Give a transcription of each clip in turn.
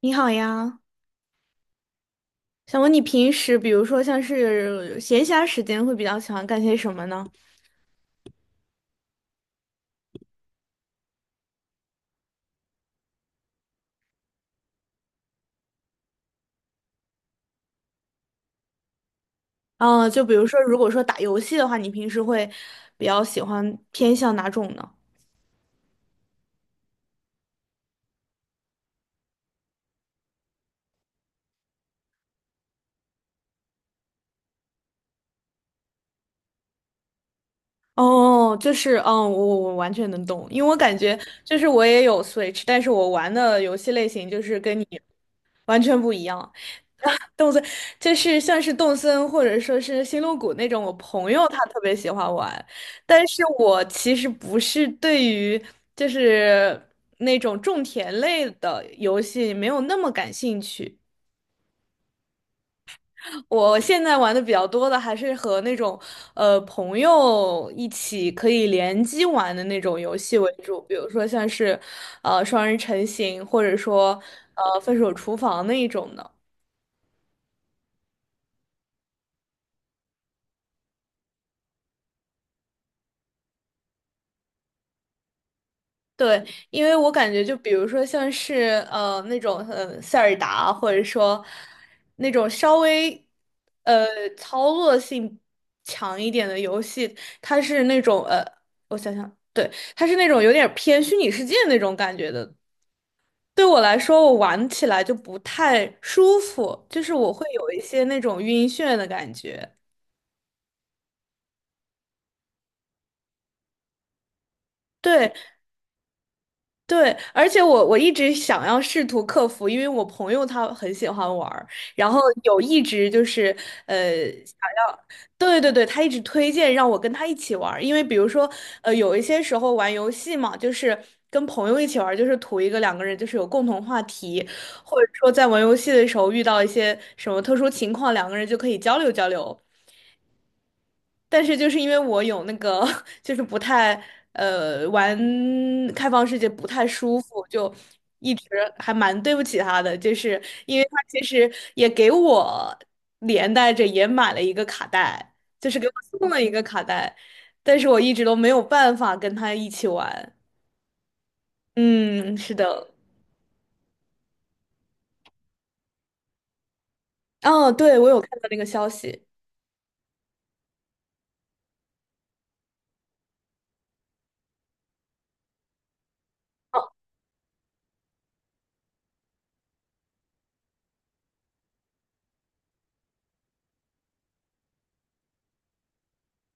你好呀，想问你平时，比如说像是闲暇时间，会比较喜欢干些什么呢？嗯，就比如说，如果说打游戏的话，你平时会比较喜欢偏向哪种呢？哦，就是，我完全能懂，因为我感觉就是我也有 Switch，但是我玩的游戏类型就是跟你完全不一样。动森就是像是动森或者说是星露谷那种，我朋友他特别喜欢玩，但是我其实不是对于就是那种种田类的游戏没有那么感兴趣。我现在玩的比较多的还是和那种朋友一起可以联机玩的那种游戏为主，比如说像是双人成行，或者说分手厨房那一种的。对，因为我感觉，就比如说像是那种塞尔达，或者说那种稍微呃操作性强一点的游戏，它是那种我想想，对，它是那种有点偏虚拟世界那种感觉的。对我来说，我玩起来就不太舒服，就是我会有一些那种晕眩的感觉。对，对，而且我一直想要试图克服，因为我朋友他很喜欢玩儿然后有一直就是呃想要，对对对，他一直推荐让我跟他一起玩儿因为比如说有一些时候玩游戏嘛，就是跟朋友一起玩儿就是图一个两个人就是有共同话题，或者说在玩游戏的时候遇到一些什么特殊情况，两个人就可以交流交流。但是就是因为我有那个，就是不太玩开放世界不太舒服，就一直还蛮对不起他的，就是因为他其实也给我连带着也买了一个卡带，就是给我送了一个卡带，但是我一直都没有办法跟他一起玩。嗯，是的，哦，对，我有看到那个消息。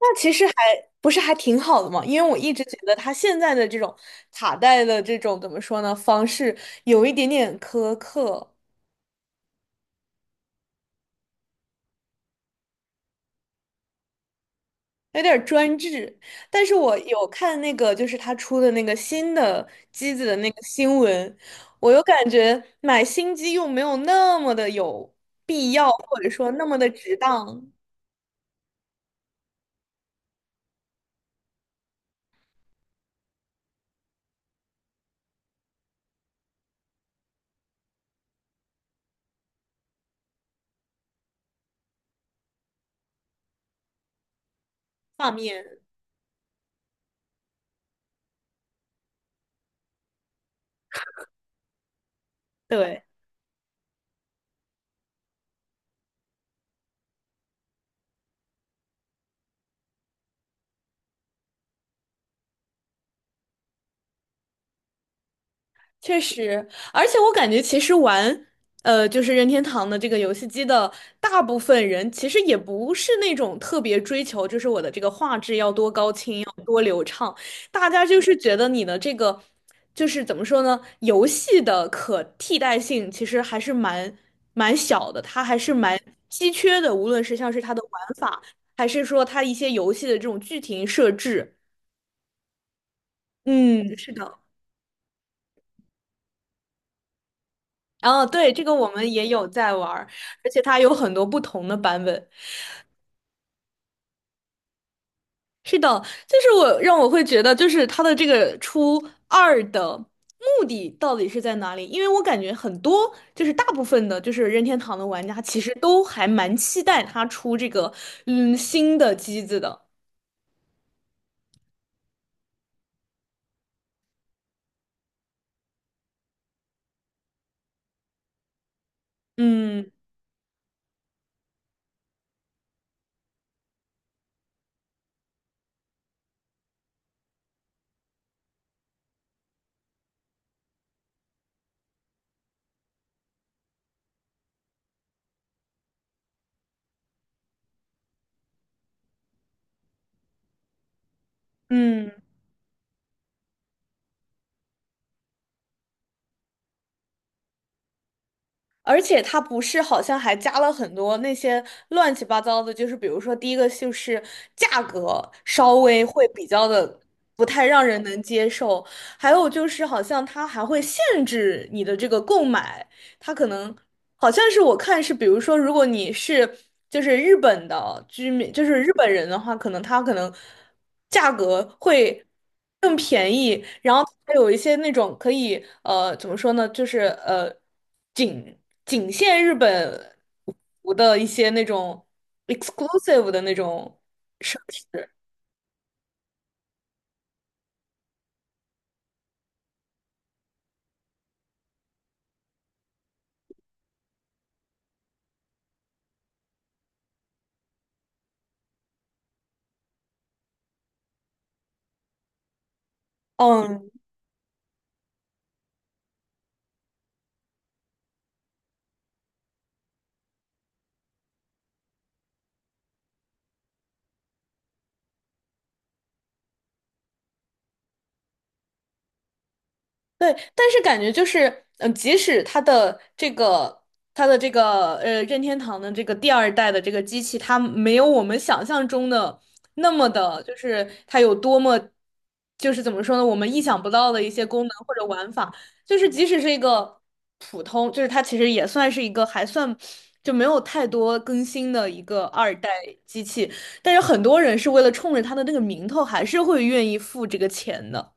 那其实还不是还挺好的嘛，因为我一直觉得他现在的这种卡带的这种怎么说呢方式有一点点苛刻，有点儿专制。但是我有看那个就是他出的那个新的机子的那个新闻，我又感觉买新机又没有那么的有必要，或者说那么的值当画面。对。确实，而且我感觉其实玩，就是任天堂的这个游戏机的大部分人，其实也不是那种特别追求，就是我的这个画质要多高清要胖，大家就是觉得你的这个，就是怎么说呢，游戏的可替代性其实还是蛮小的，它还是蛮稀缺的，无论是像是它的玩法，还是说它一些游戏的这种剧情设置，嗯，是的。对，这个我们也有在玩儿而且它有很多不同的版本。是的，就是我让我会觉得，就是它的这个出二的目的到底是在哪里？因为我感觉很多，就是大部分的，就是任天堂的玩家其实都还蛮期待它出这个新的机子的。嗯嗯。而且它不是好像还加了很多那些乱七八糟的，就是比如说第一个就是价格稍微会比较的不太让人能接受，还有就是好像它还会限制你的这个购买，它可能好像是我看是，比如说，如果你是就是日本的居民，就是日本人的话，可能他可能价格会更便宜，然后还有一些那种可以怎么说呢，就是仅仅限日本服的一些那种 exclusive 的那种设施，嗯，对，但是感觉就是，即使它的这个任天堂的这个第二代的这个机器，它没有我们想象中的那么的，就是它有多么，就是怎么说呢，我们意想不到的一些功能或者玩法，就是即使是一个普通，就是它其实也算是一个还算就没有太多更新的一个二代机器，但是很多人是为了冲着它的那个名头，还是会愿意付这个钱的。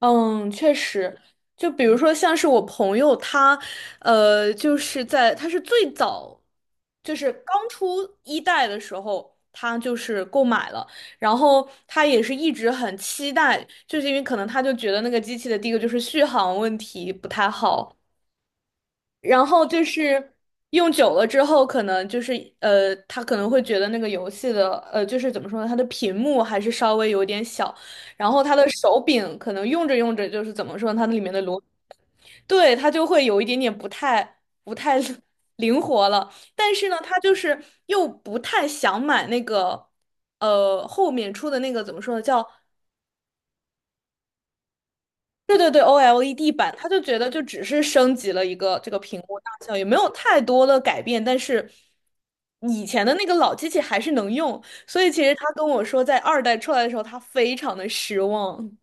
嗯，确实，就比如说像是我朋友他，就是在他是最早，就是刚出一代的时候，他就是购买了，然后他也是一直很期待，就是因为可能他就觉得那个机器的第一个就是续航问题不太好，然后就是用久了之后，可能就是他可能会觉得那个游戏的就是怎么说呢，它的屏幕还是稍微有点小，然后它的手柄可能用着用着就是怎么说呢，它里面的对，它就会有一点点不太 灵活了。但是呢，他就是又不太想买那个后面出的那个怎么说呢，叫对对对，OLED 版，他就觉得就只是升级了一个这个屏幕大小，也没有太多的改变，但是以前的那个老机器还是能用，所以其实他跟我说，在二代出来的时候，他非常的失望。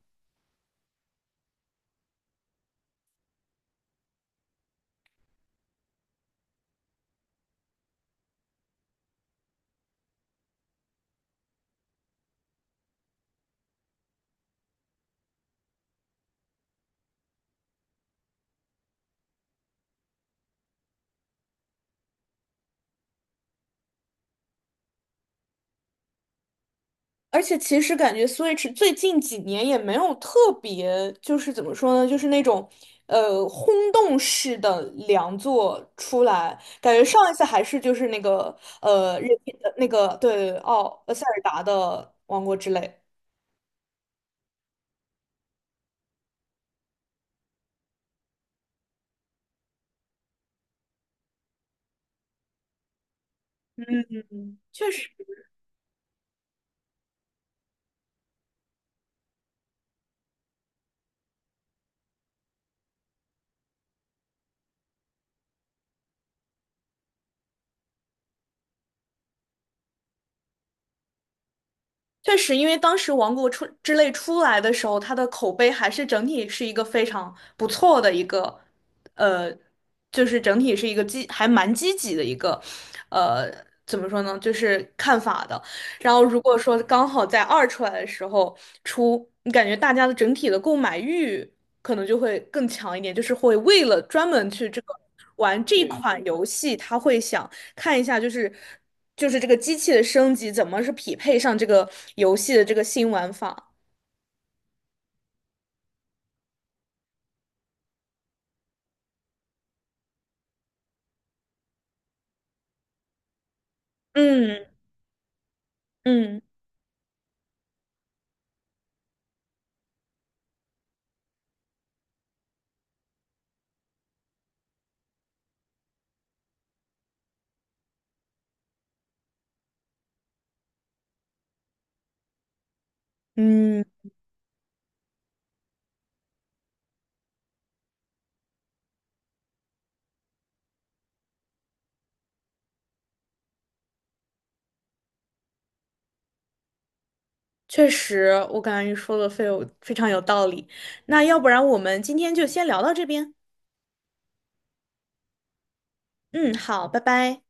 而且其实感觉 Switch 最近几年也没有特别，就是怎么说呢，就是那种轰动式的良作出来，感觉上一次还是就是那个呃任天那个对奥呃塞尔达的王国之泪。嗯，确实，确实，因为当时《王国出之泪》出来的时候，它的口碑还是整体是一个非常不错的一个，呃，就是整体是一个还蛮积极的一个，呃，怎么说呢，就是看法的。然后如果说刚好在二出来的时候出，你感觉大家的整体的购买欲可能就会更强一点，就是会为了专门去这个玩这一对款游戏，他会想。看一下，就是这个机器的升级怎么是匹配上这个游戏的这个新玩法。嗯嗯嗯，确实，我感觉你说的非常有道理。那要不然我们今天就先聊到这边。嗯，好，拜拜。